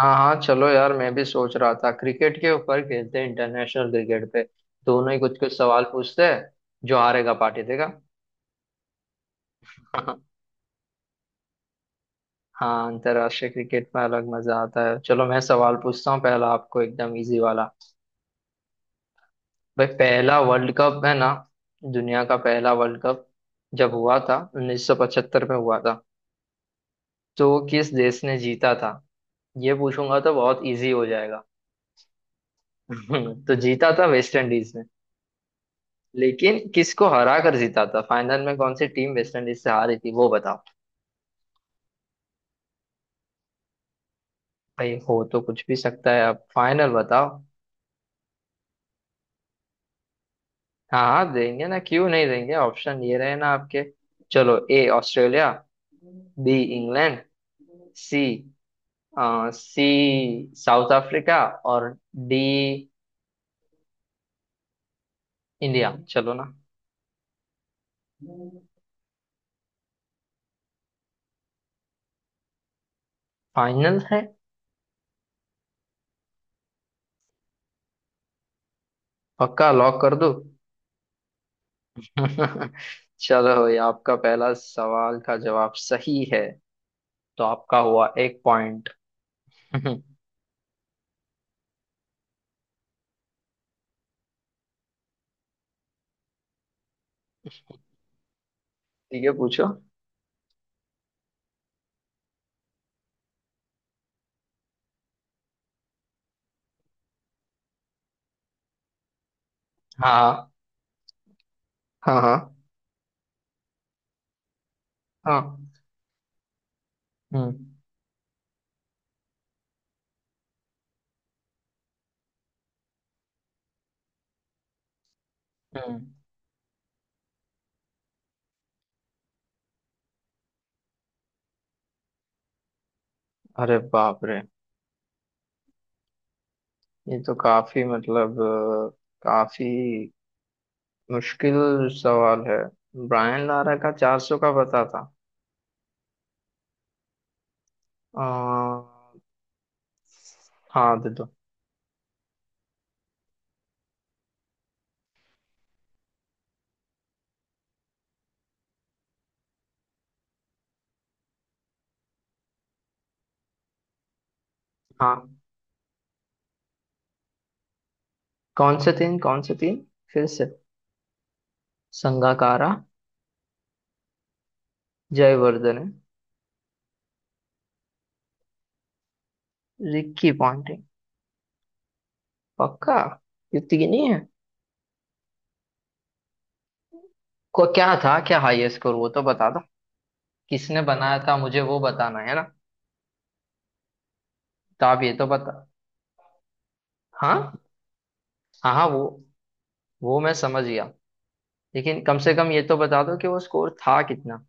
हाँ हाँ, चलो यार, मैं भी सोच रहा था। क्रिकेट के ऊपर खेलते हैं, इंटरनेशनल क्रिकेट पे। दोनों ही कुछ कुछ सवाल पूछते हैं, जो हारेगा पार्टी देगा। हाँ, अंतर्राष्ट्रीय क्रिकेट में अलग मजा आता है। चलो मैं सवाल पूछता हूँ, पहला आपको एकदम इजी वाला। भाई पहला वर्ल्ड कप है ना, दुनिया का पहला वर्ल्ड कप, जब हुआ था 1975 में हुआ था, तो वो किस देश ने जीता था? ये पूछूंगा तो बहुत इजी हो जाएगा। तो जीता था वेस्ट इंडीज। लेकिन किसको हरा कर जीता था, फाइनल में कौन सी टीम वेस्ट इंडीज से हारी थी, वो बताओ। भाई हो तो कुछ भी सकता है, आप फाइनल बताओ। हाँ हाँ देंगे ना, क्यों नहीं देंगे? ऑप्शन ये रहे ना आपके। चलो, A Australia, B England, C C South Africa, और डी इंडिया। चलो ना, फाइनल है। पक्का लॉक कर दो। चलो, ये आपका पहला सवाल का जवाब सही है। तो आपका हुआ एक पॉइंट। ठीक है, पूछो। हाँ हाँ हाँ हाँ। हम्म। हम्म। अरे बाप रे, ये तो काफी मतलब काफी मुश्किल सवाल है। ब्रायन लारा का 400 का पता था। अ, हाँ दे दो। हाँ, कौन से तीन कौन से तीन? फिर से। Sangakkara, Jaivardhan, Ricky Ponting. पक्का ये तीन ही है? को क्या था, क्या हाईएस्ट स्कोर वो तो बता, किसने बनाया था मुझे वो बताना है ना। तो आप ये तो बता। हाँ हाँ हाँ, वो मैं समझ गया। लेकिन कम से कम ये तो बता दो कि वो स्कोर था कितना।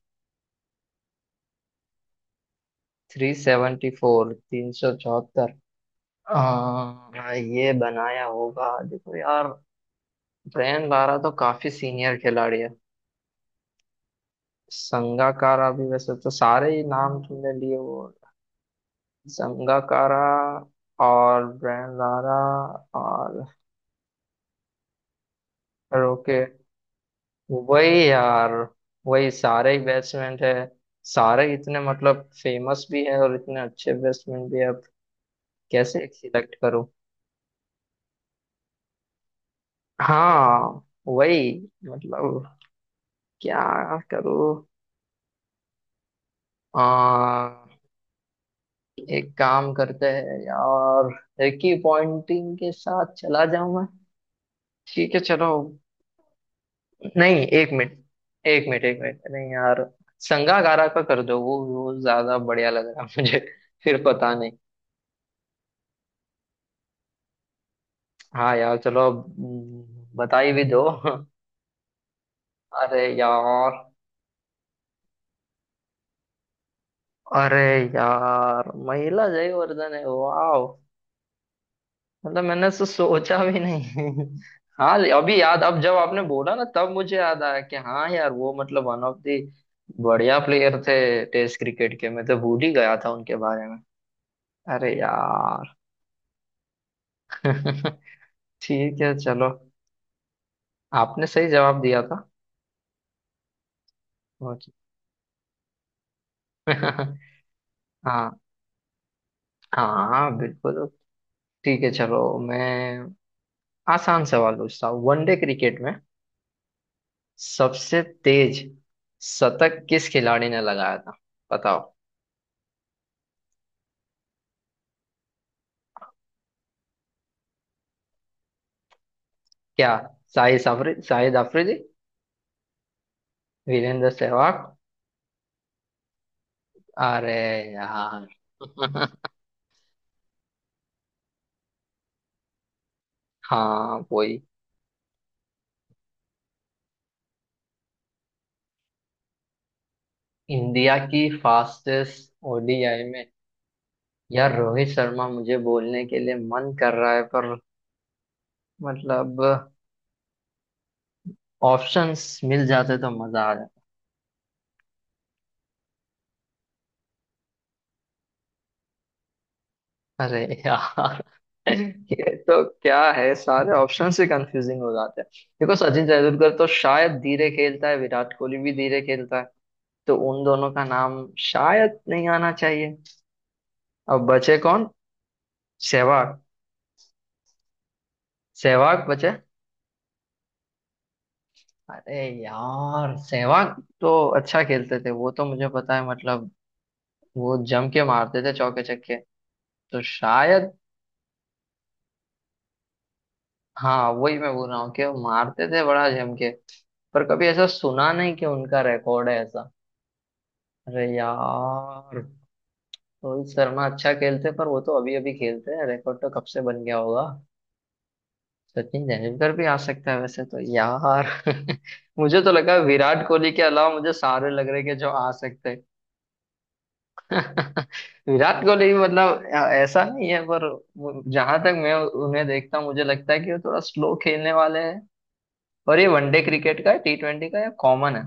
374, 374। ये बनाया होगा, देखो यार, ब्रेन बारा तो काफी सीनियर खिलाड़ी है। संगाकारा भी, वैसे तो सारे ही नाम तुमने लिए वो, संगाकारा और ब्रेन लारा और रोके। वही यार, वही सारे ही बेसमेंट है। सारे इतने मतलब फेमस भी है और इतने अच्छे बेसमेंट भी है, अब कैसे सिलेक्ट करूं? हाँ वही, मतलब क्या करूं? आ, एक काम करते हैं यार, एक ही पॉइंटिंग के साथ चला जाऊं मैं। ठीक है चलो। नहीं, एक मिनट, एक मिनट एक मिनट, नहीं यार, संगाकारा का कर दो, वो ज्यादा बढ़िया लग रहा है मुझे। फिर पता नहीं। हाँ यार, चलो अब बताई भी दो। अरे यार। अरे यार, महिला जयवर्धन है, वाह। मतलब मैंने सोचा भी नहीं। हाँ, अभी याद, अब जब आपने बोला ना तब मुझे याद आया कि हाँ यार वो मतलब वन ऑफ दी बढ़िया प्लेयर थे टेस्ट क्रिकेट के, मैं तो भूल ही गया था उनके बारे में। अरे यार। ठीक है चलो, आपने सही जवाब दिया था। हाँ हाँ, बिल्कुल। ठीक है चलो, मैं आसान सवाल पूछता हूँ। वनडे क्रिकेट में सबसे तेज शतक किस खिलाड़ी ने लगाया था? बताओ। क्या? शाहिद अफरीदी, शाहिद अफरीदी, वीरेंद्र सहवाग। अरे यार। हाँ वही। इंडिया की फास्टेस्ट ओडीआई में? यार, रोहित शर्मा मुझे बोलने के लिए मन कर रहा है, पर मतलब ऑप्शंस मिल जाते तो मजा आ। अरे यार। ये तो क्या है, सारे ऑप्शन से कंफ्यूजिंग हो जाते हैं। देखो, सचिन तेंदुलकर तो शायद धीरे खेलता है, विराट कोहली भी धीरे खेलता है, तो उन दोनों का नाम शायद नहीं आना चाहिए। अब बचे कौन? सहवाग। सहवाग बचे। अरे यार, सहवाग तो अच्छा खेलते थे, वो तो मुझे पता है। मतलब वो जम के मारते थे चौके छक्के, तो शायद। हाँ वही मैं बोल रहा हूँ कि वो मारते थे बड़ा जम के, पर कभी ऐसा सुना नहीं कि उनका रिकॉर्ड है। अरे यार, रोहित शर्मा अच्छा खेलते, पर वो तो अभी अभी खेलते हैं, रिकॉर्ड तो कब से बन गया होगा। सचिन तेंदुलकर भी आ सकता है वैसे तो यार। मुझे तो लगा विराट कोहली के अलावा मुझे सारे लग रहे कि जो आ सकते हैं। विराट कोहली भी मतलब ऐसा नहीं है, पर जहां तक मैं उन्हें देखता हूँ, मुझे लगता है कि वो थोड़ा स्लो खेलने वाले हैं। और ये वनडे क्रिकेट का है, T20 का, या कॉमन है?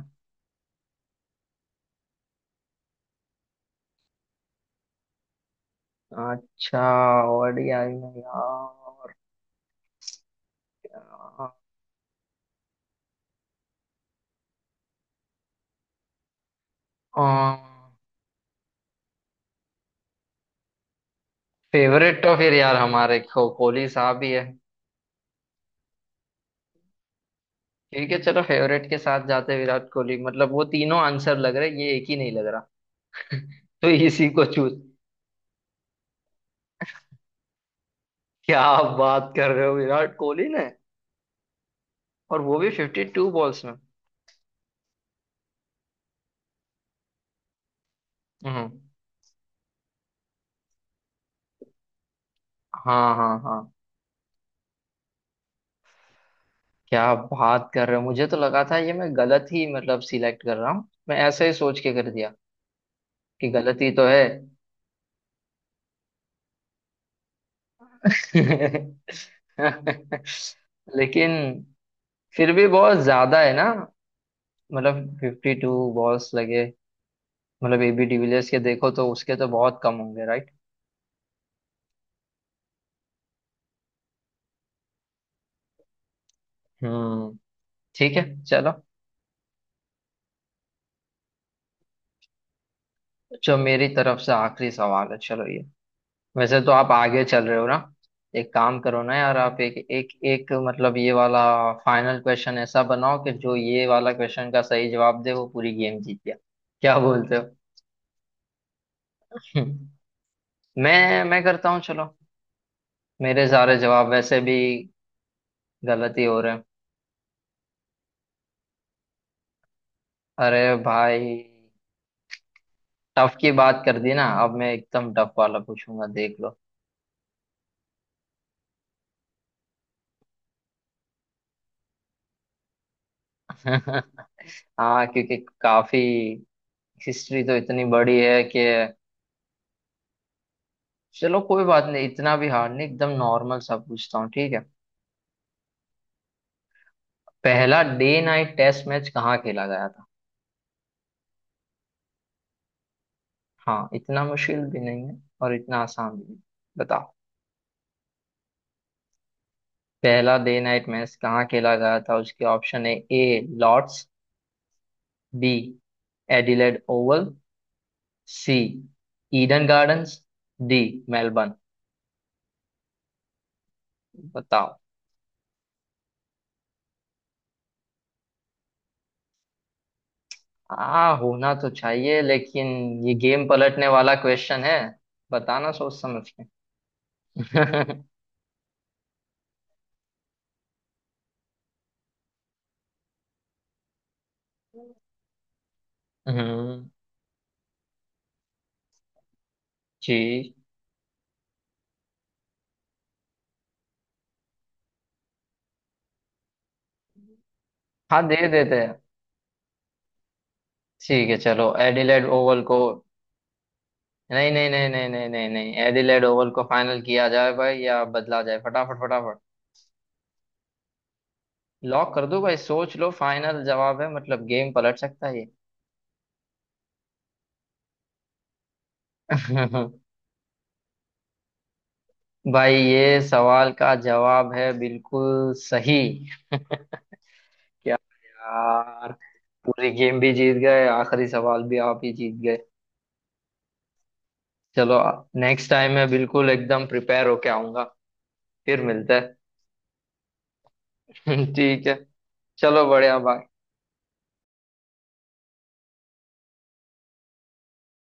अच्छा, ओडीआई में यार। अ, फेवरेट तो फिर यार हमारे को, कोहली साहब ही है। ठीक है चलो, फेवरेट के साथ जाते हैं, विराट कोहली। मतलब वो तीनों आंसर लग रहे, ये एक ही नहीं लग रहा। तो इसी को चूज। क्या आप बात कर रहे हो? विराट कोहली ने? और वो भी 52 बॉल्स में? हम्म। हाँ हाँ हाँ। क्या बात कर रहे हो, मुझे तो लगा था ये मैं गलत ही मतलब सिलेक्ट कर रहा हूँ, मैं ऐसे ही सोच के कर दिया कि गलती तो है। लेकिन फिर भी बहुत ज्यादा है ना, मतलब 52 बॉल्स लगे। मतलब एबी डिविलियर्स के देखो तो उसके तो बहुत कम होंगे, राइट? हम्म। ठीक है चलो। जो मेरी तरफ से आखिरी सवाल है, चलो ये। वैसे तो आप आगे चल रहे हो ना, एक काम करो ना यार, आप एक एक एक मतलब ये वाला फाइनल क्वेश्चन ऐसा बनाओ कि जो ये वाला क्वेश्चन का सही जवाब दे वो पूरी गेम जीत गया। क्या बोलते हो? मैं करता हूँ चलो। मेरे सारे जवाब वैसे भी गलत ही हो रहे हैं। अरे भाई, टफ की बात कर दी ना, अब मैं एकदम टफ वाला पूछूंगा, देख लो। हाँ क्योंकि काफी हिस्ट्री तो इतनी बड़ी है कि। चलो कोई बात नहीं, इतना भी हार्ड नहीं, एकदम नॉर्मल सा पूछता हूँ, ठीक है। पहला डे नाइट टेस्ट मैच कहाँ खेला गया था? हाँ, इतना मुश्किल भी नहीं है और इतना आसान भी नहीं। बताओ। पहला डे नाइट मैच कहाँ खेला गया था, उसके ऑप्शन है: A Lord's, B Adelaide Oval, C Eden Gardens, D Melbourne. बताओ। हाँ, होना तो चाहिए लेकिन ये गेम पलटने वाला क्वेश्चन है, बताना सोच समझ के। हम्म। जी। हाँ, दे देते हैं। ठीक है चलो, एडिलेड ओवल को। नहीं नहीं नहीं नहीं नहीं नहीं नहीं, एडिलेड ओवल को फाइनल किया जाए भाई, या बदला जाए, फटाफट फटाफट। लॉक कर दो भाई, सोच लो, फाइनल जवाब है, मतलब गेम पलट सकता है ये। भाई, ये सवाल का जवाब है बिल्कुल सही। क्या यार, पूरी गेम भी जीत गए, आखिरी सवाल भी आप ही जीत गए। चलो। नेक्स्ट टाइम मैं बिल्कुल एकदम प्रिपेयर होके आऊंगा। फिर मिलते हैं। ठीक है चलो, बढ़िया, बाय।